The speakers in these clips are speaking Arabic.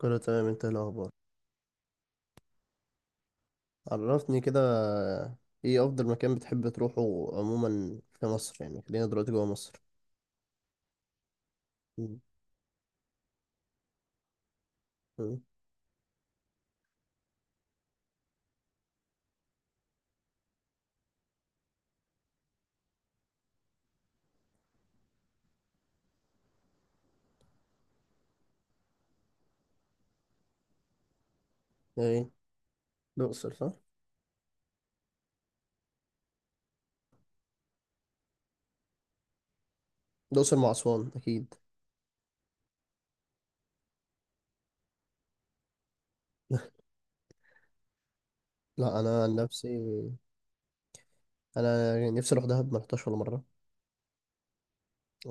كله تمام. انت ايه الاخبار؟ عرفني كده. ايه افضل مكان بتحب تروحه عموما في مصر؟ يعني خلينا دلوقتي جوه مصر. مم. مم. ايه؟ الاقصر، صح. الاقصر مع اسوان، اكيد. لا، انا عن نفسي. انا يعني نفسي اروح دهب، ما رحتهاش ولا مره.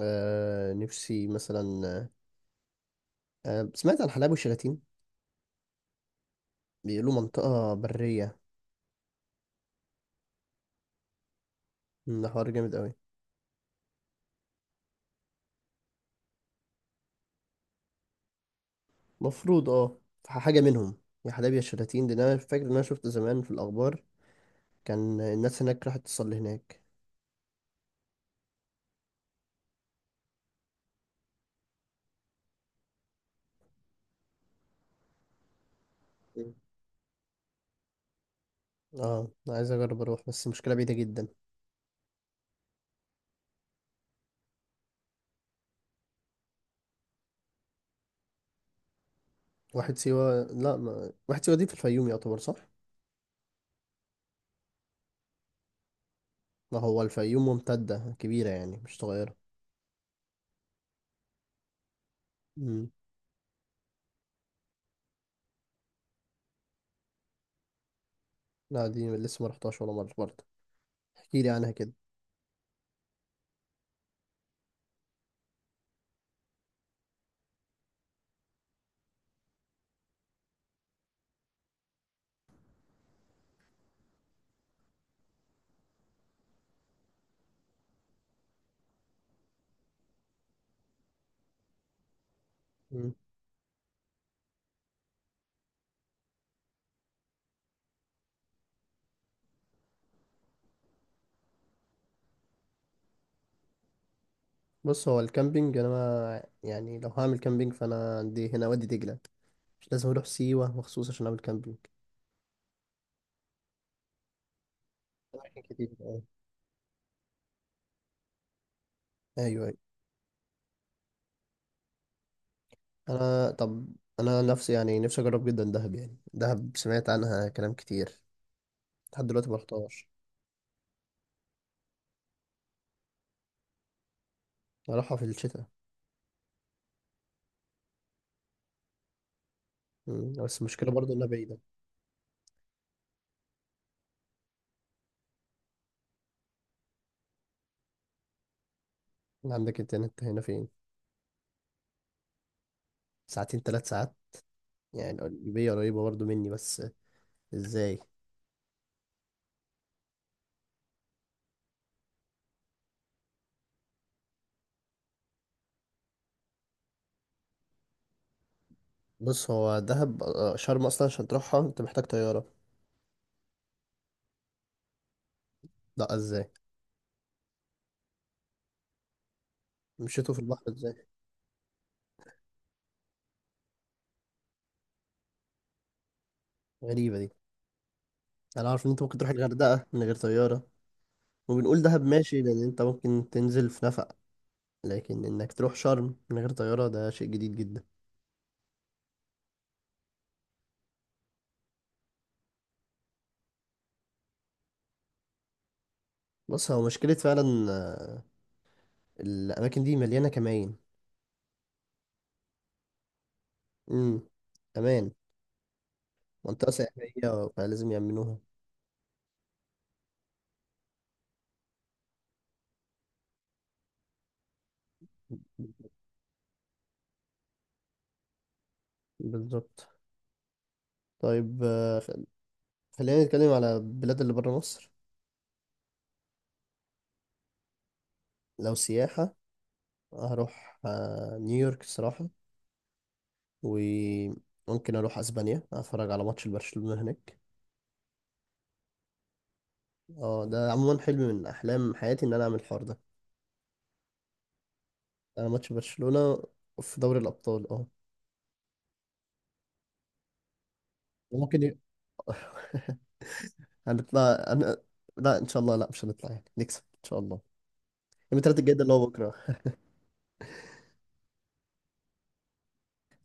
آه، نفسي مثلا. آه، سمعت عن حلايب وشلاتين. بيقولوا منطقه بريه. ده حوار جامد قوي. مفروض، اه. حاجه منهم. يا حلايب يا شلاتين، ده انا فاكر ان انا شفت زمان في الاخبار، كان الناس هناك راحت تصلي هناك. اه، أنا عايز اجرب اروح بس المشكله بعيده جدا. واحد سيوه لا ما... واحد سيوه دي في الفيوم يعتبر، صح؟ ما هو الفيوم ممتده كبيره يعني مش صغيره. امم. لا، دي لسه ما رحتهاش ولا مره برضه. احكي لي عنها كده. امم. بص، هو الكامبينج انا ما... يعني لو هعمل كامبينج فانا عندي هنا وادي دجله. مش لازم اروح سيوه مخصوص عشان اعمل كامبينج. أماكن كتير أوي. ايوه ايوه. طب انا نفسي اجرب جدا دهب، يعني دهب سمعت عنها كلام كتير. لحد دلوقتي ما رحتهاش. اروحها في الشتاء. مم. بس المشكلة برضو إنها بعيدة. عندك إنترنت هنا فين؟ ساعتين، ثلاث ساعات. يعني القليوبية قريبة برضو مني بس. إزاي؟ بص، هو دهب، شرم أصلا عشان تروحها أنت محتاج طيارة. لا، إزاي؟ مشيتوا في البحر إزاي؟ غريبة دي. أنا عارف إن أنت ممكن تروح الغردقة من غير طيارة. وبنقول دهب ماشي لأن أنت ممكن تنزل في نفق. لكن إنك تروح شرم من غير طيارة، ده شيء جديد جدا. بص، هو مشكلة فعلا. آه. الأماكن دي مليانة كمائن. امم. أمان. منطقة سياحية فلازم يأمنوها. بالظبط. طيب، خلينا نتكلم على بلاد اللي بره مصر. لو سياحة، هروح نيويورك الصراحة. وممكن أروح أسبانيا أتفرج على ماتش البرشلونة هناك. اه، ده عموما حلم من أحلام حياتي إن أنا أعمل الحوار ده. أنا ماتش برشلونة في دوري الأبطال، اه. ممكن ي... هنطلع أنا... لا، إن شاء الله، لا مش هنطلع، يعني نكسب إن شاء الله. يوم التلات الجاي ده اللي هو بكرة.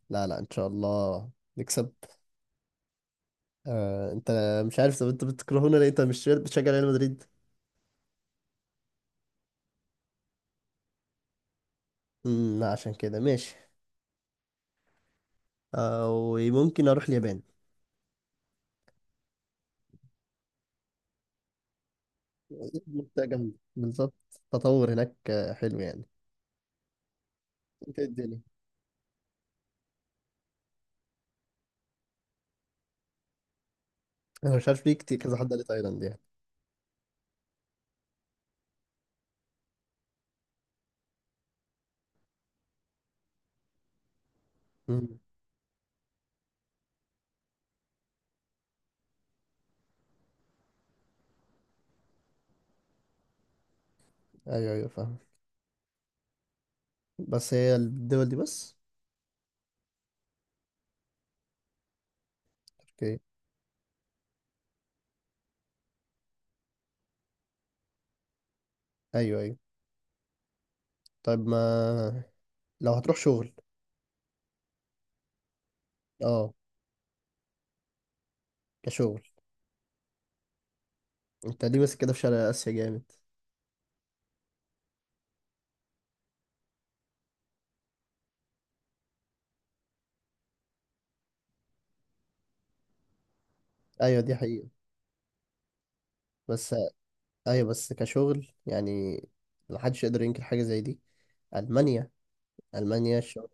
لا لا، إن شاء الله نكسب. آه، انت. مش عارف، طب انت بتكرهونا ليه؟ انت مش بتشجع ريال مدريد؟ لا عشان كده ماشي. وممكن اروح اليابان. منطقة جامدة بالظبط. تطور هناك، حلو يعني. انت إيه الدنيا؟ انا مش عارف ليه، كتير كذا حد قال لي تايلاند يعني. امم. ايوه ايوه، فاهم. بس هي الدول دي بس. اوكي. ايوه ايوه. طيب، ما لو هتروح شغل. اه. كشغل. انت ليه بس كده في شرق اسيا جامد؟ ايوه، دي حقيقة، بس. ايوه، بس كشغل يعني. محدش يقدر ينكر حاجة زي دي. ألمانيا. ألمانيا الشغل.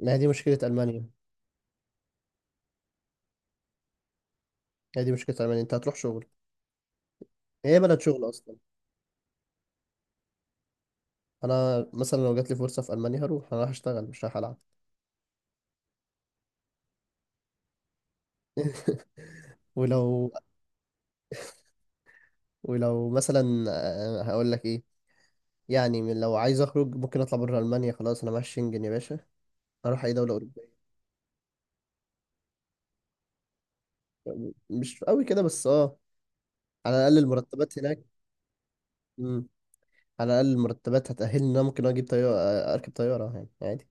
ما هي دي مشكلة ألمانيا. هي دي مشكلة ألمانيا، أنت هتروح شغل. هي بلد شغل أصلا. أنا مثلا لو جات لي فرصة في ألمانيا، هروح أنا رايح أشتغل مش رايح ألعب. ولو ولو مثلا هقول لك إيه. يعني لو عايز أخرج، ممكن أطلع بره ألمانيا، خلاص أنا معايا الشنجن يا باشا. أروح أي دولة أوروبية. مش قوي كده بس، أه. على الأقل المرتبات هناك. مم. على الأقل المرتبات هتأهلني إن أنا ممكن أجيب طيارة. أركب طيارة يعني عادي.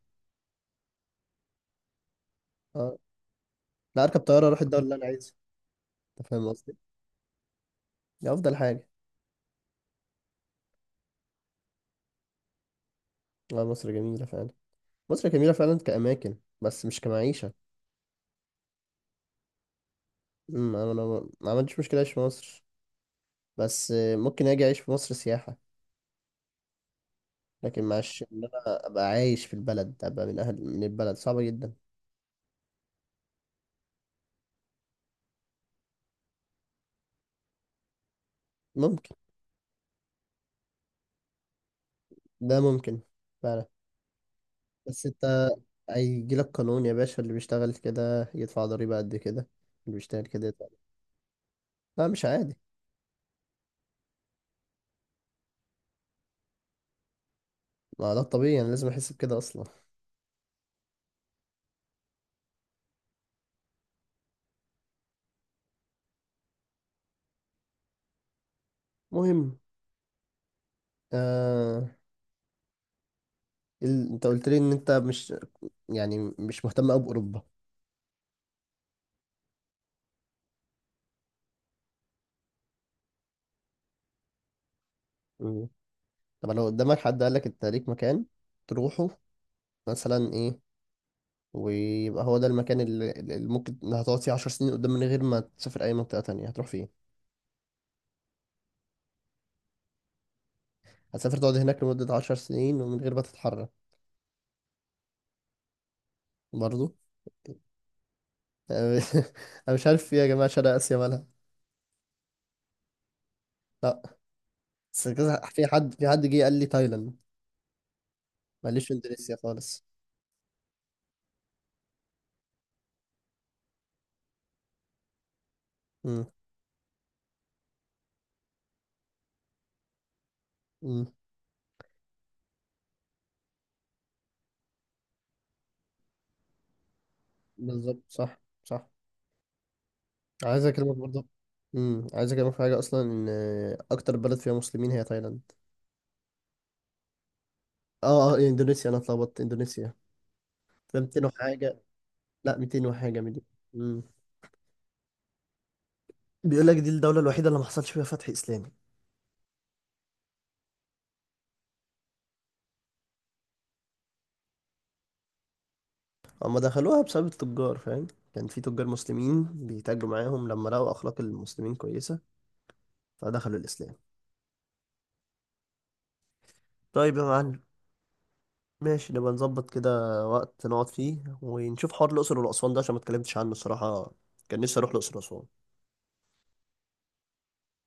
أه. لا، أركب طيارة أروح الدولة اللي أنا عايزها. أنت فاهم قصدي؟ دي أفضل حاجة. لا، مصر جميلة فعلا. مصر جميلة فعلا كأماكن بس مش كمعيشة. أنا ما عملتش مشكلة أعيش في مصر. بس ممكن أجي أعيش في مصر سياحة. لكن معش إن أنا أبقى عايش في البلد أبقى من أهل من البلد صعبة جدا. ممكن. ده ممكن فعلا. بس أنت، هيجيلك قانون يا باشا، اللي بيشتغل كده يدفع ضريبة قد كده. اللي بيشتغل كده يدفع. لا، مش عادي. ما ده الطبيعي، أنا لازم أحس بكده أصلا. مهم. آه... أنت قلت لي إن أنت مش يعني مش مهتم أوي بأوروبا. مم. طب لو قدامك حد قال لك انت ليك مكان تروحه، مثلا ايه، ويبقى هو ده المكان اللي ممكن هتقعد فيه 10 سنين قدام من غير ما تسافر اي منطقة تانية، هتروح فين؟ هتسافر تقعد هناك لمدة 10 سنين ومن غير ما تتحرك؟ برضه. انا مش عارف ايه يا جماعة، شرق اسيا مالها. لا. بس كذا، في حد جه قال لي تايلاند. ماليش في اندونيسيا خالص. امم. امم. بالظبط، صح صح. عايز اكلمك برضه. عايز اكلمك في حاجة، اصلا ان اكتر بلد فيها مسلمين هي تايلاند. اه اه، اندونيسيا، انا اتلخبطت، اندونيسيا. ده 200 وحاجه. لا، 200 وحاجه مليون. امم. بيقول لك دي الدولة الوحيدة اللي ما حصلش فيها فتح إسلامي. هما دخلوها بسبب التجار، فاهم. كان في تجار مسلمين بيتاجروا معاهم، لما لقوا اخلاق المسلمين كويسه فدخلوا الاسلام. طيب يا معلم. ماشي، نبقى نظبط كده وقت نقعد فيه ونشوف حوار الأقصر والأسوان ده عشان ما اتكلمتش عنه الصراحة. كان نفسي أروح الأقصر وأسوان.